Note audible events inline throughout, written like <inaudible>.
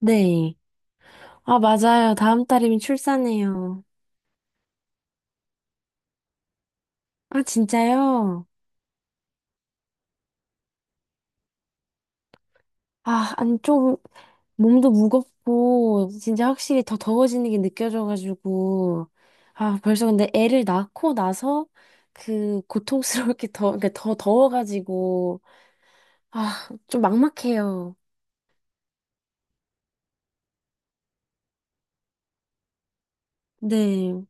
네. 아, 맞아요. 다음 달이면 출산해요. 아, 진짜요? 아, 아니, 좀, 몸도 무겁고, 진짜 확실히 더 더워지는 게 느껴져가지고. 아, 벌써 근데 애를 낳고 나서 그 고통스럽게 더, 그러니까 더 더워가지고. 아, 좀 막막해요. 네.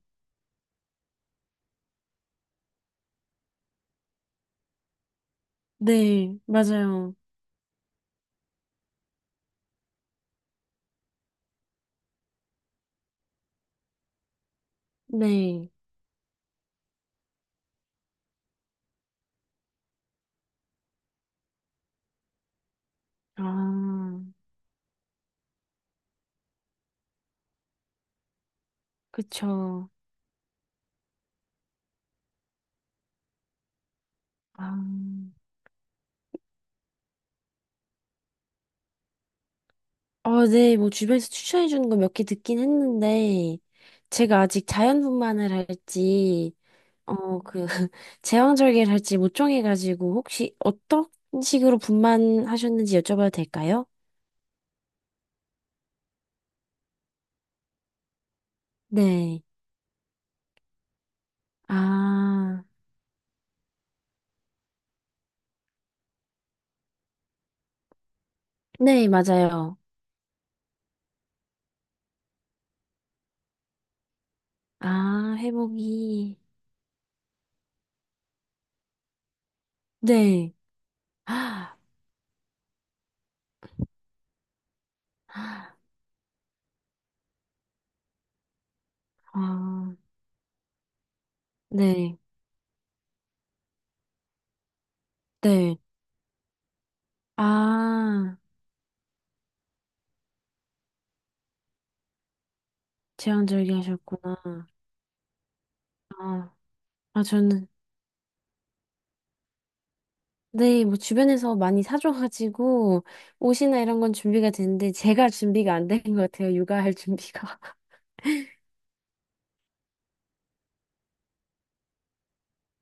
네. 맞아요. 네. 아, 그쵸. 아. 어, 네, 뭐 주변에서 추천해 주는 거 몇 개 듣긴 했는데, 제가 아직 자연분만을 할지, 어, 그, <laughs> 제왕절개를 할지 못 정해가지고, 혹시 어떤 식으로 분만하셨는지 여쭤봐도 될까요? 네. 아, 네, 맞아요. 아, 회복이. 네. <gasps> 아, 아, 네, 네. 아, 제왕절개 하셨구나. 아, 아, 저는. 네, 뭐 주변에서 많이 사줘가지고 옷이나 이런 건 준비가 됐는데 제가 준비가 안 된 것 같아요. 육아할 준비가. <laughs>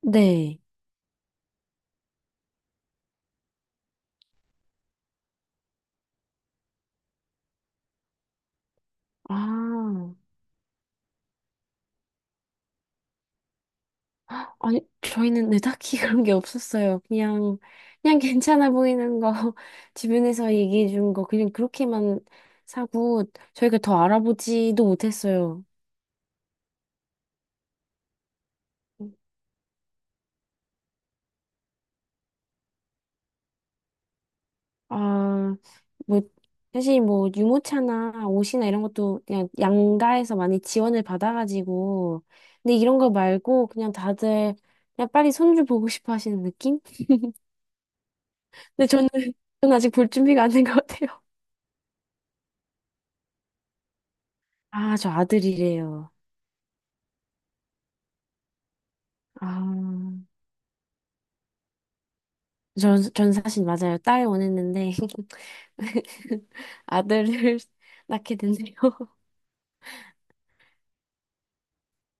네. 아, 아니 저희는 네, 딱히 그런 게 없었어요. 그냥 그냥 괜찮아 보이는 거 <laughs> 주변에서 얘기해 준 거 그냥 그렇게만 사고 저희가 더 알아보지도 못했어요. 아, 뭐, 사실 뭐, 유모차나 옷이나 이런 것도 그냥 양가에서 많이 지원을 받아가지고. 근데 이런 거 말고 그냥 다들 그냥 빨리 손주 보고 싶어 하시는 느낌? 근데 저는, <laughs> 저는 아직 볼 준비가 안 된 것 같아요. 아, 저 아들이래요. 아, 전 사실 맞아요. 딸 원했는데. <laughs> 아들을 낳게 됐네요. <laughs>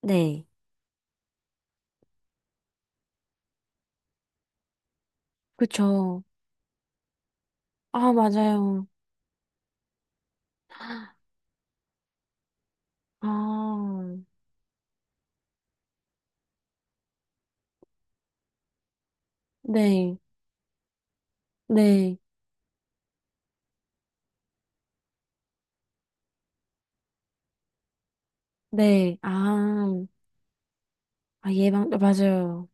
네. 그쵸. 아, 맞아요. 아, 네. 네. 네, 아, 아, 예방, 아, 맞아요.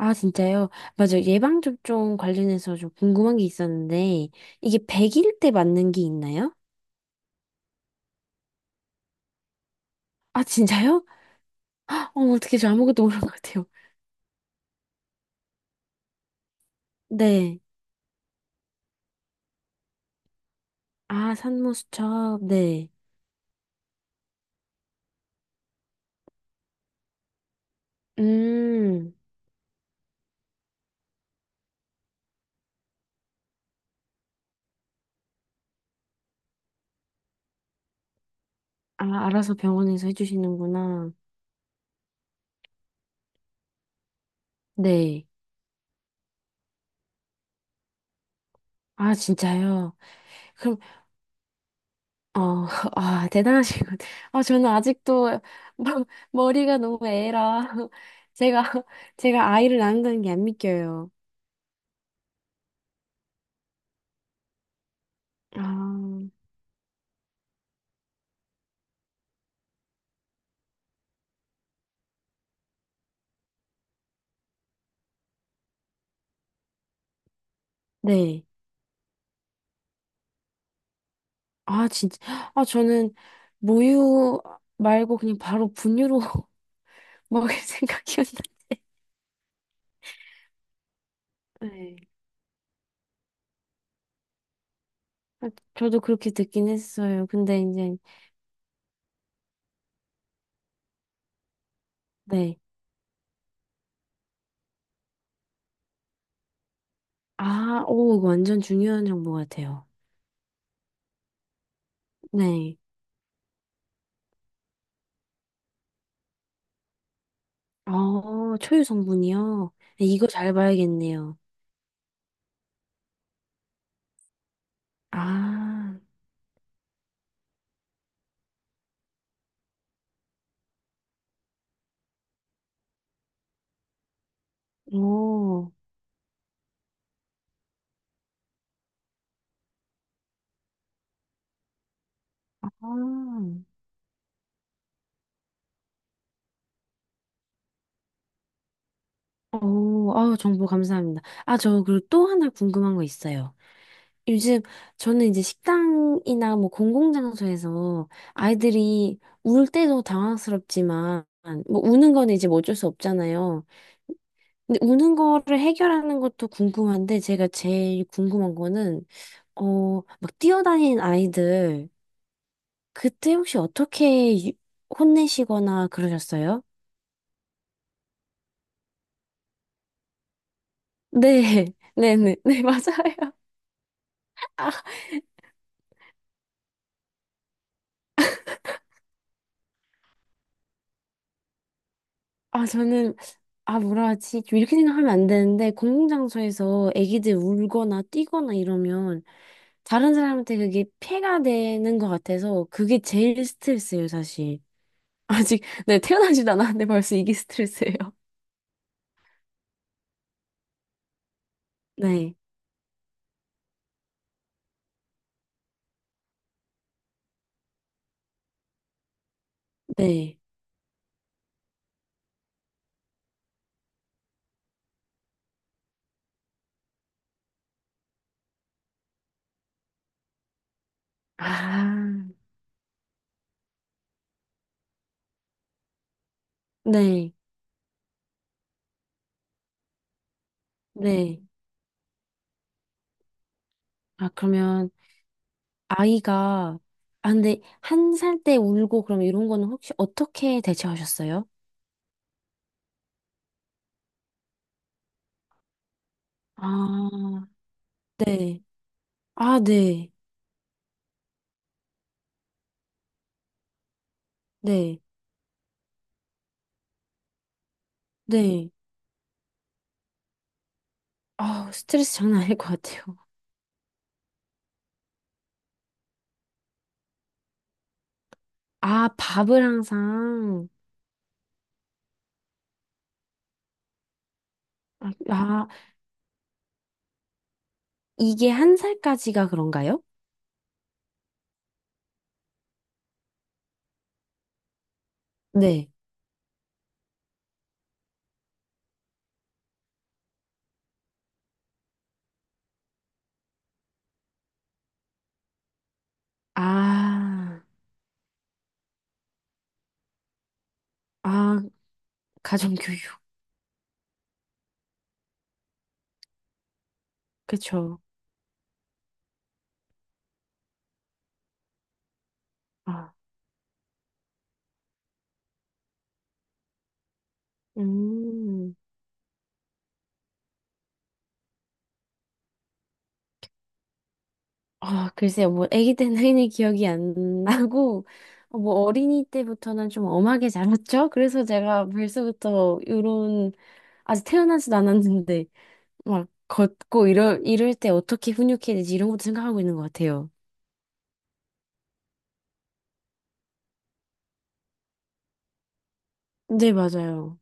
아, 진짜요? 맞아요. 예방접종 관련해서 좀 궁금한 게 있었는데, 이게 100일 때 맞는 게 있나요? 아, 진짜요? <laughs> 어, 어떻게 저 아무것도 모르는 것 같아요. 네. 아, 산모수첩, 네. 음, 아, 알아서 병원에서 해주시는구나. 네. 아, 진짜요? 그럼 어, <laughs> 아, 대단하시군. 아, 저는 아직도 머- 머리가 너무 애라. <laughs> 제가, 제가 아이를 낳는다는 게 안 믿겨요. 아, 네. 아, 진짜. 아, 저는 모유 말고 그냥 바로 분유로 <laughs> 먹을 생각이었는데. 네. 아, 저도 그렇게 듣긴 했어요. 근데 이제, 네. 아, 오, 이거 완전 중요한 정보 같아요. 네. 어, 초유 성분이요? 네, 이거 잘 봐야겠네요. 아. 오, 아, 오, 아우, 정보 감사합니다. 아, 저 그리고 또 하나 궁금한 거 있어요. 요즘 저는 이제 식당이나 뭐 공공장소에서 아이들이 울 때도 당황스럽지만, 뭐 우는 거는 이제 뭐 어쩔 수 없잖아요. 근데 우는 거를 해결하는 것도 궁금한데, 제가 제일 궁금한 거는, 어, 막 뛰어다니는 아이들, 그때 혹시 어떻게 혼내시거나 그러셨어요? 네, <laughs> 네네, 네, 맞아요. 아, 아, 저는, 아, 뭐라 하지? 좀 이렇게 생각하면 안 되는데, 공공장소에서 애기들 울거나 뛰거나 이러면, 다른 사람한테 그게 폐가 되는 것 같아서, 그게 제일 스트레스예요, 사실. <laughs> 아직, 네, 태어나지도 않았는데 벌써 이게 스트레스예요. <laughs> 네, 네. 아, 네, 네. 아, 그러면, 아이가, 아, 근데, 한 살 때 울고 그럼 이런 거는 혹시 어떻게 대처하셨어요? 아, 네. 아, 네, 네. 네. 아, 스트레스 장난 아닐 것 같아요. 아, 밥을 항상. 아, 아, 이게 한 살까지가 그런가요? 네. 아, 아, 가정교육. 그쵸. 아, 음. 아, 글쎄요. 뭐, 아기 때는 흔히 기억이 안 나고, 어, 뭐, 어린이 때부터는 좀 엄하게 자랐죠? 그래서 제가 벌써부터 이런, 아직 태어나지도 않았는데, 막, 걷고 이럴 때 어떻게 훈육해야 되지? 이런 것도 생각하고 있는 것 같아요. 네, 맞아요.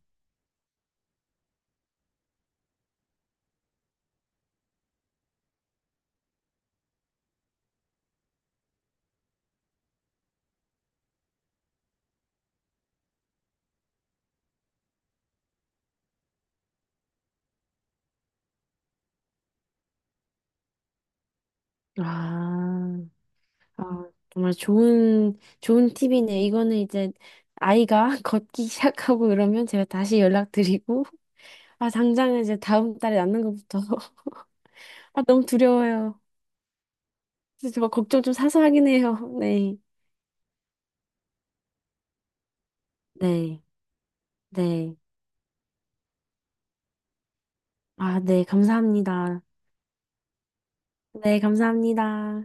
아, 아, 정말 좋은, 좋은 팁이네요. 이거는 이제 아이가 <laughs> 걷기 시작하고 이러면 제가 다시 연락드리고, 아, 당장은 이제 다음 달에 낳는 것부터. <laughs> 아, 너무 두려워요. 그래서 저 걱정 좀 사서 하긴 해요. 네. 네. 네. 아, 네. 감사합니다. 네, 감사합니다.